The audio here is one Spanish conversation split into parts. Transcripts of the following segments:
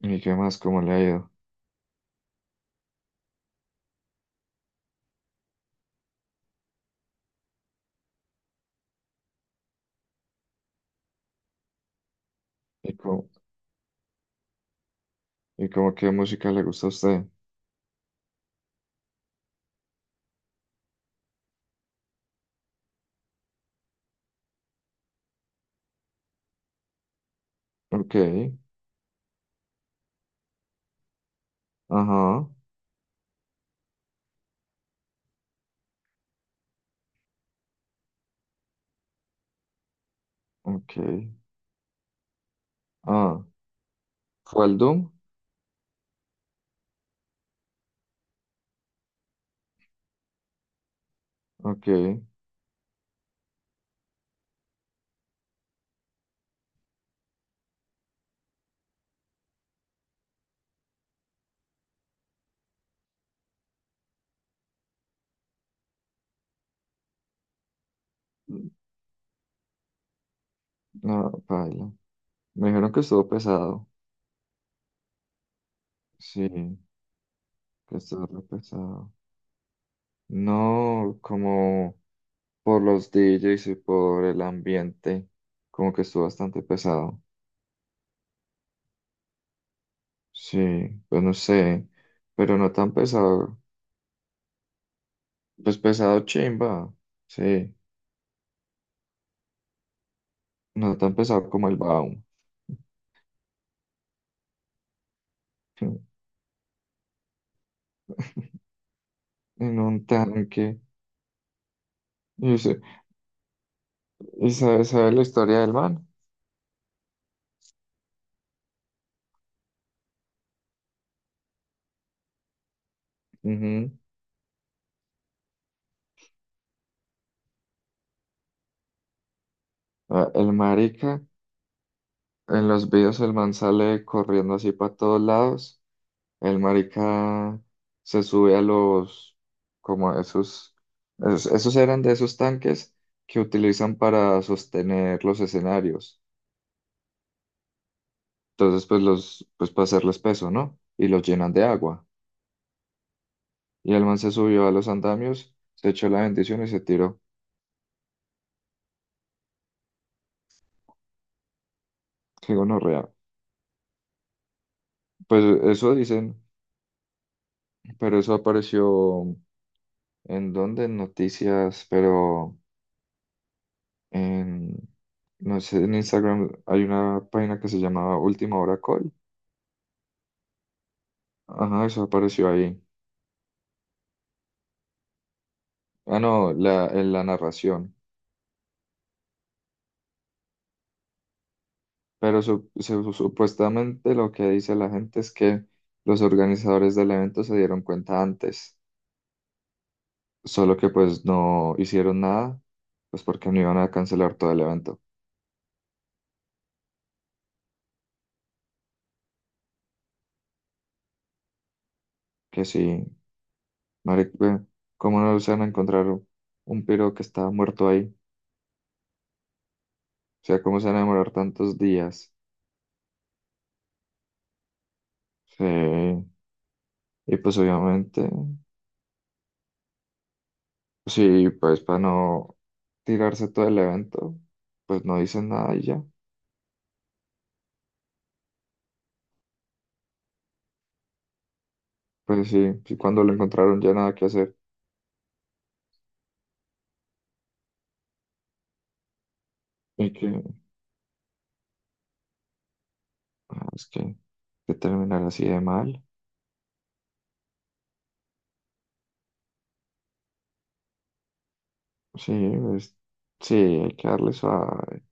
¿Y qué más? ¿Cómo le ha ido? ¿Y cómo, ¿Y cómo qué música le gusta a usted? Ok, ajá, ok. Ah, ¿fue al Doom? Ok. No, paila. Me dijeron que estuvo pesado. Sí, que estuvo re pesado. No, como por los DJs y por el ambiente, como que estuvo bastante pesado. Sí, pues no sé, pero no tan pesado. Pues pesado chimba. Sí, no tan pesado como el Baum. En un tanque. y se ¿Y sabe la historia del man? Ujú. Ah, el marica, en los videos el man sale corriendo así para todos lados. El marica se sube a como a esos, esos eran de esos tanques que utilizan para sostener los escenarios. Entonces, pues para hacerles peso, ¿no? Y los llenan de agua. Y el man se subió a los andamios, se echó la bendición y se tiró. Qué gonorrea. Pues eso dicen. Pero eso apareció en dónde, en noticias, pero en, no sé, en Instagram hay una página que se llamaba Última Hora Call. Ajá, eso apareció ahí. Ah, no, la, en la narración. Pero supuestamente lo que dice la gente es que los organizadores del evento se dieron cuenta antes, solo que pues no hicieron nada, pues porque no iban a cancelar todo el evento. Que sí, Maric, ve, ¿cómo no se van a encontrar un piro que está muerto ahí? O sea, ¿cómo se van a demorar tantos días? Sí. Y pues obviamente, sí, pues para no tirarse todo el evento, pues no dicen nada y ya. Pues sí, sí, cuando lo encontraron ya nada que hacer. Y que, ah, es que terminar así de mal. Sí, pues, sí, hay que darle suave.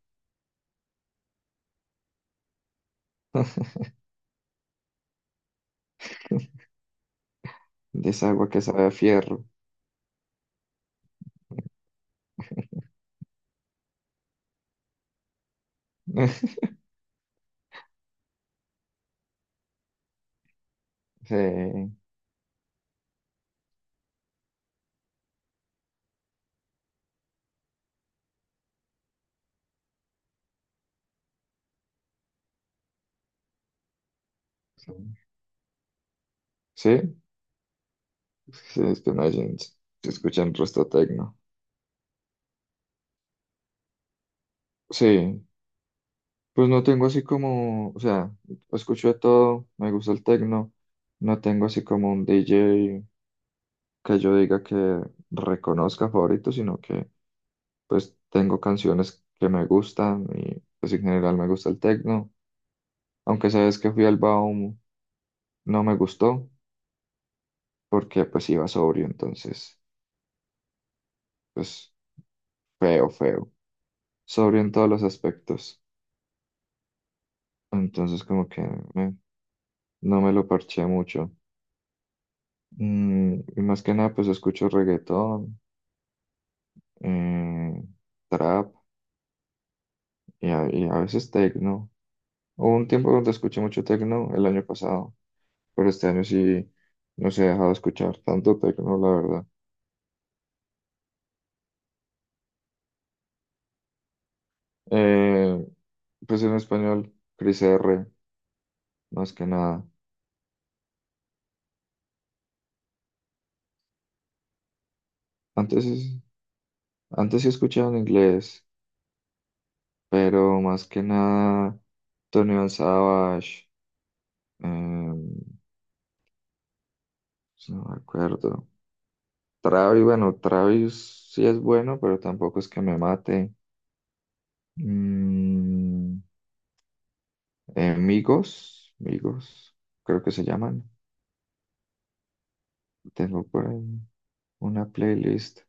De esa agua que sabe a fierro. Sí, sí, sí, es que no se escuchan resto tecno. Sí, pues no tengo así como, o sea, escucho de todo, me gusta el tecno, no tengo así como un DJ que yo diga que reconozca favorito, sino que pues tengo canciones que me gustan y pues en general me gusta el tecno, aunque sabes que fui al Baum, no me gustó porque pues iba sobrio, entonces pues feo, feo, sobrio en todos los aspectos, entonces como que no me lo parché mucho. Mm, y más que nada pues escucho reggaetón. eh, Trap y y a veces techno. Hubo un tiempo donde escuché mucho techno el año pasado, pero este año sí no se ha dejado escuchar tanto techno, la verdad. Eh, pues en español, Cris R, más que nada. Antes, es- Antes sí escuchaba en inglés, pero más que nada Tony Van Savage, no me acuerdo. Travis, bueno, Travis sí es bueno, pero tampoco es que me mate. Mm, Migos, Migos, creo que se llaman. Tengo por ahí una playlist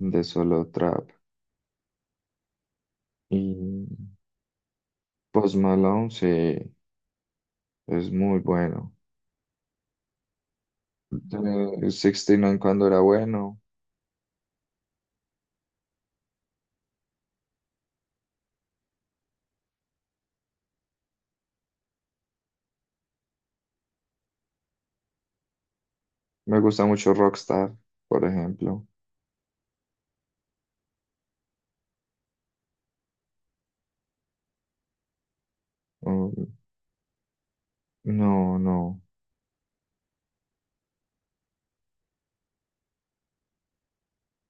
de solo trap. Y Post Malone, sí, es muy bueno. De 69 cuando era bueno. Me gusta mucho Rockstar, por ejemplo. Um, no, no,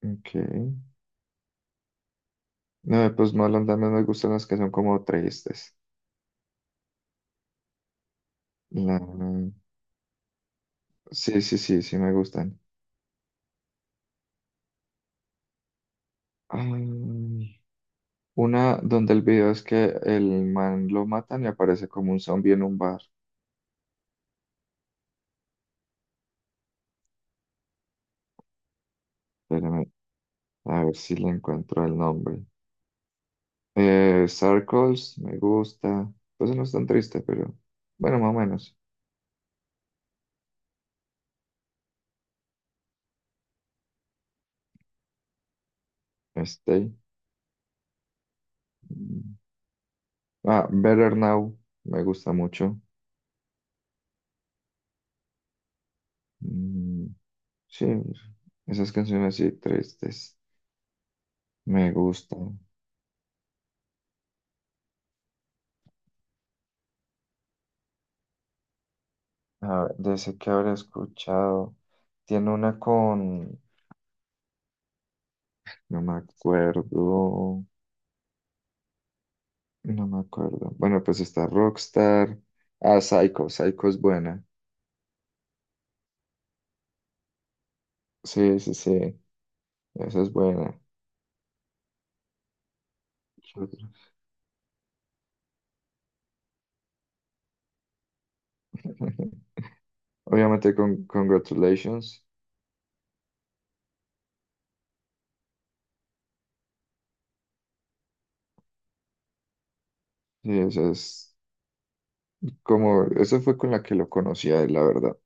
ok. No, de Post Malone también me gustan las que son como tristes. La... Sí, sí, sí, sí me gustan. Ay, una donde el video es que el man lo matan y aparece como un zombie en un bar. Espérame, a ver si le encuentro el nombre. Circles, me gusta. Pues no es tan triste, pero bueno, más o menos. Stay. Mm, ah, Better Now, me gusta mucho. Mm, sí, esas canciones así tristes, me gustan. A ver, de ese que habré escuchado. Tiene una con... No me acuerdo. No me acuerdo. Bueno, pues está Rockstar. Ah, Psycho. Psycho es buena. Sí, sí, sí. Esa es buena. Obviamente con Congratulations. Sí, esa es como... Eso fue con la que lo conocí a él, la verdad.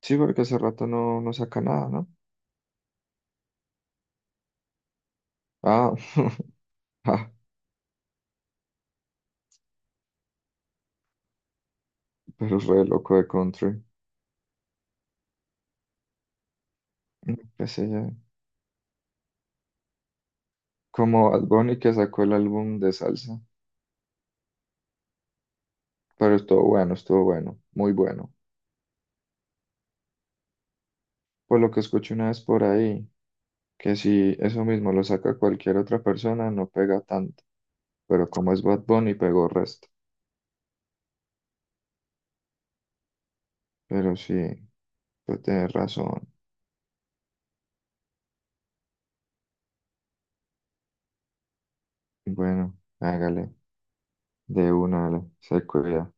Sí, porque hace rato no, no saca nada, ¿no? Ah, ah, pero es re loco de country. Mm, qué sé yo. Como Bad Bunny que sacó el álbum de salsa. Pero estuvo bueno, estuvo bueno. Muy bueno. Por lo que escuché una vez por ahí, que si eso mismo lo saca cualquier otra persona, no pega tanto. Pero como es Bad Bunny, pegó resto. Pero sí, tú tienes razón. Bueno, hágale, de una, dale, se cuida.